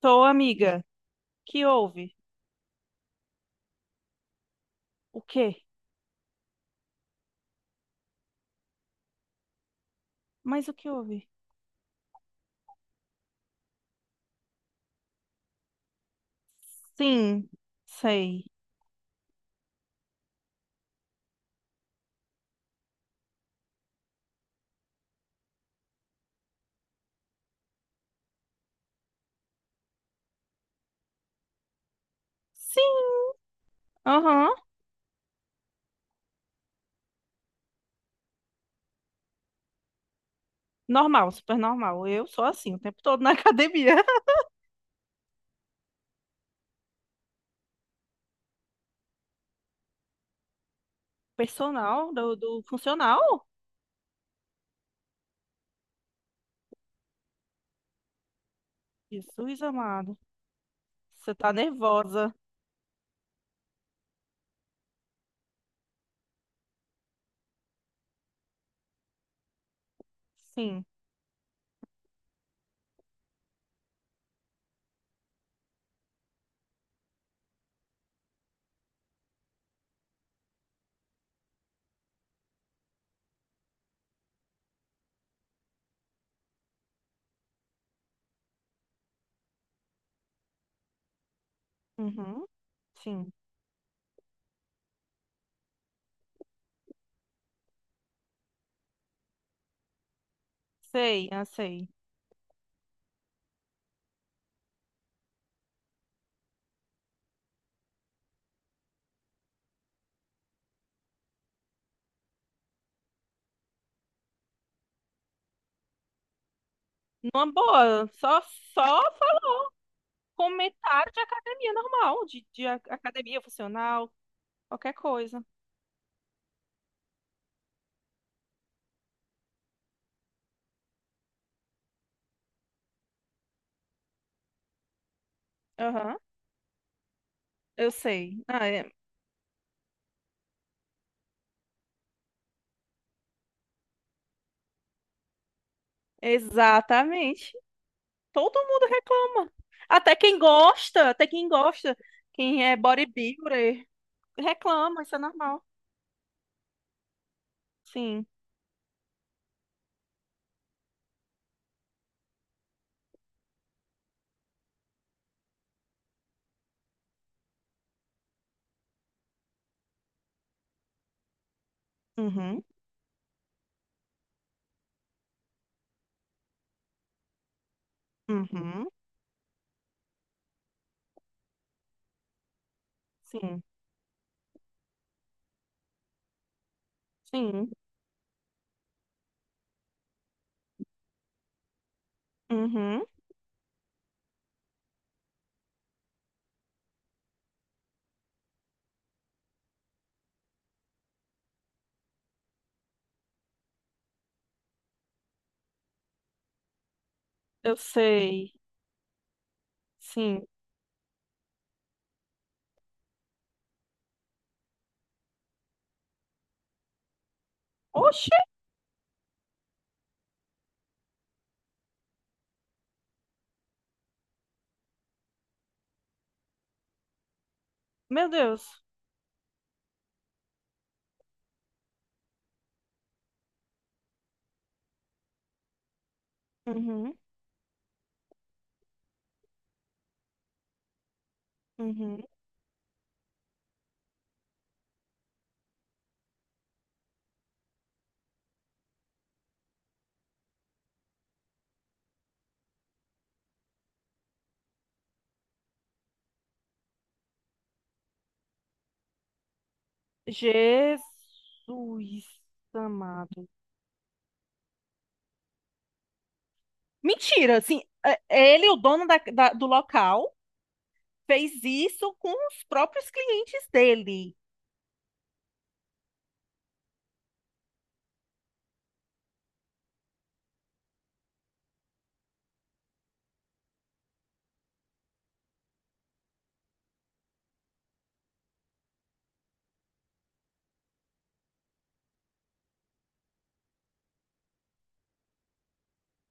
Tô, amiga. Que houve? O quê? Mas o que houve? Sim, sei. Sim, aham. Normal, super normal. Eu sou assim o tempo todo na academia. Personal do funcional? Jesus amado. Você tá nervosa. Sim. Uhum. Sim. Sei, eu sei. Numa boa, só fa- comentário de academia normal, de academia funcional, qualquer coisa. Aham. Eu sei. Ah. É. Exatamente. Todo mundo reclama. Até quem gosta, quem é bodybuilder, reclama, isso é normal. Sim. Uhum, uhum, sim, sim, uhum. Eu sei. Sim. Oxe, meu Deus. Uhum, uhum. Jesus amado. Mentira, assim, é ele, o dono do local, fez isso com os próprios clientes dele.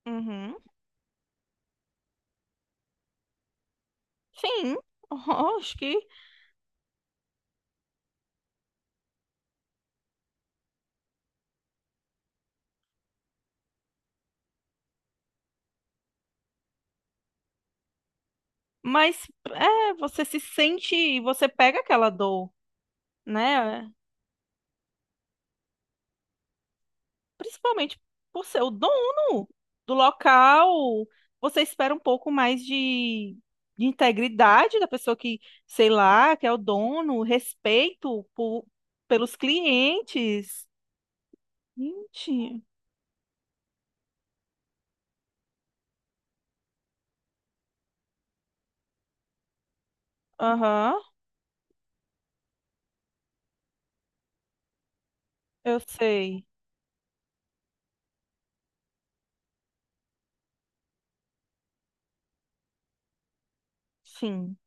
Uhum. Sim, acho que. Mas é, você se sente, você pega aquela dor, né? Principalmente por ser o dono do local, você espera um pouco mais de integridade da pessoa que, sei lá, que é o dono, respeito por, pelos clientes. Gente, aham, eu sei, sim,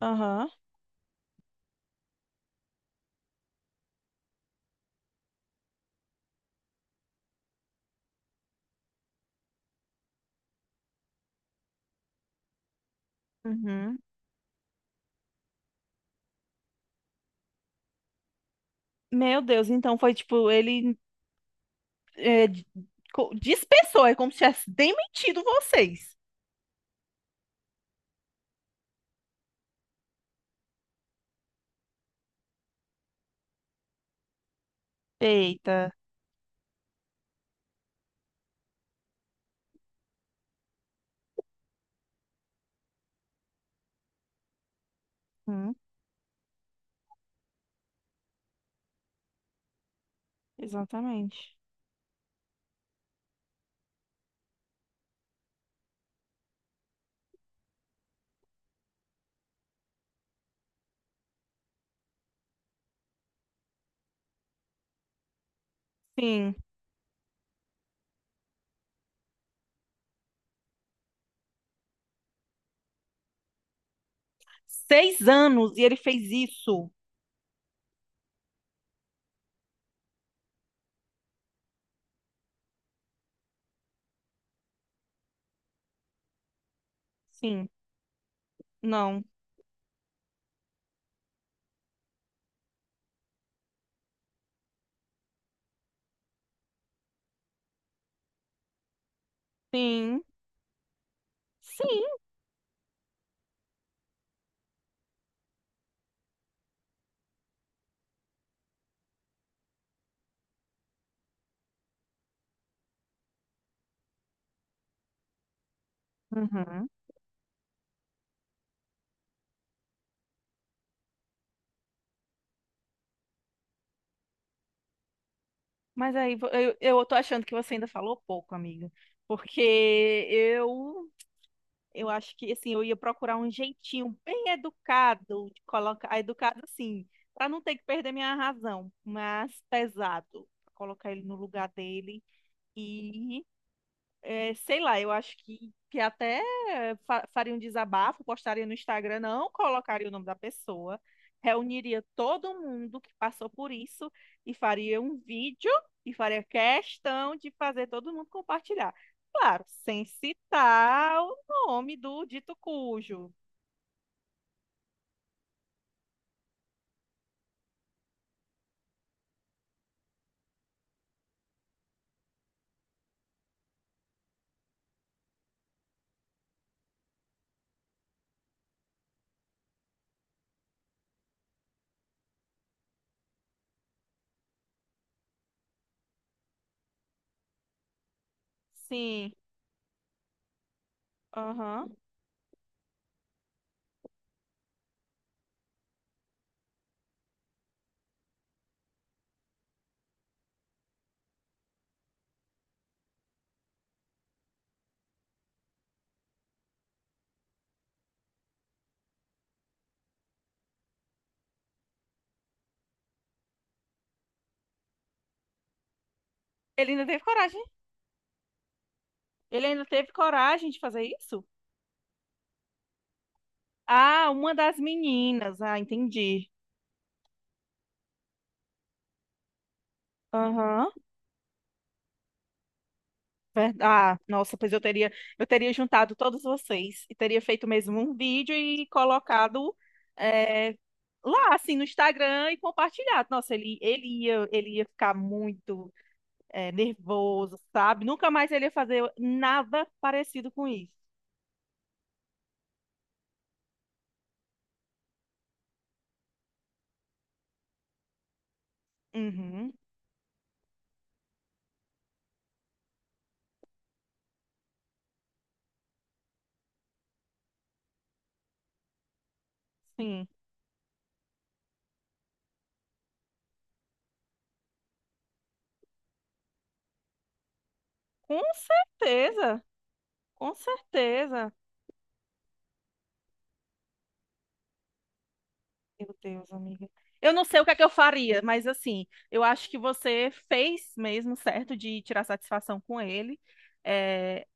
aham, uhum. Meu Deus, então foi tipo, ele é, d- dispensou, é como se tivesse demitido vocês. Eita. Hum, exatamente. Sim. 6 anos e ele fez isso. Sim, não. Sim, sim. Uhum. Mas aí eu tô achando que você ainda falou pouco, amiga. Porque eu eu acho que assim, eu ia procurar um jeitinho bem educado de colocar, educado assim, para não ter que perder minha razão, mas pesado, pra colocar ele no lugar dele. E, é, sei lá, eu acho que até fa faria um desabafo, postaria no Instagram, não colocaria o nome da pessoa, reuniria todo mundo que passou por isso e faria um vídeo e faria questão de fazer todo mundo compartilhar. Claro, sem citar o nome do dito cujo. Sim, aham. Ele ainda teve coragem? Ele ainda teve coragem de fazer isso? Ah, uma das meninas. Ah, entendi. Aham. Ah, nossa, pois eu teria juntado todos vocês e teria feito mesmo um vídeo e colocado é, lá, assim, no Instagram e compartilhado. Nossa, ele ia ficar muito nervoso, sabe? Nunca mais ele ia fazer nada parecido com isso. Uhum, sim, com certeza, com certeza. Meu Deus, amiga. Eu não sei o que é que eu faria, mas assim, eu acho que você fez mesmo certo de tirar satisfação com ele. É,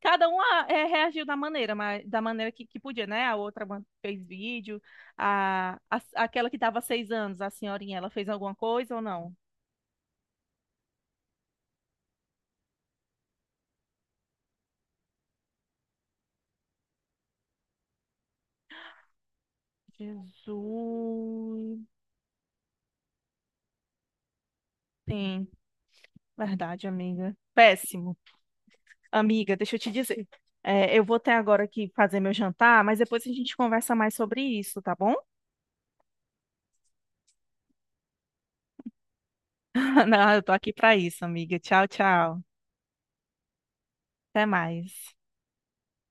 cada um reagiu da maneira que podia, né? A outra fez vídeo, aquela que estava 6 anos, a senhorinha, ela fez alguma coisa ou não? Jesus. Sim, verdade, amiga. Péssimo. Amiga, deixa eu te dizer. É, eu vou até agora aqui fazer meu jantar, mas depois a gente conversa mais sobre isso, tá bom? Não, eu tô aqui pra isso, amiga. Tchau, tchau. Até mais.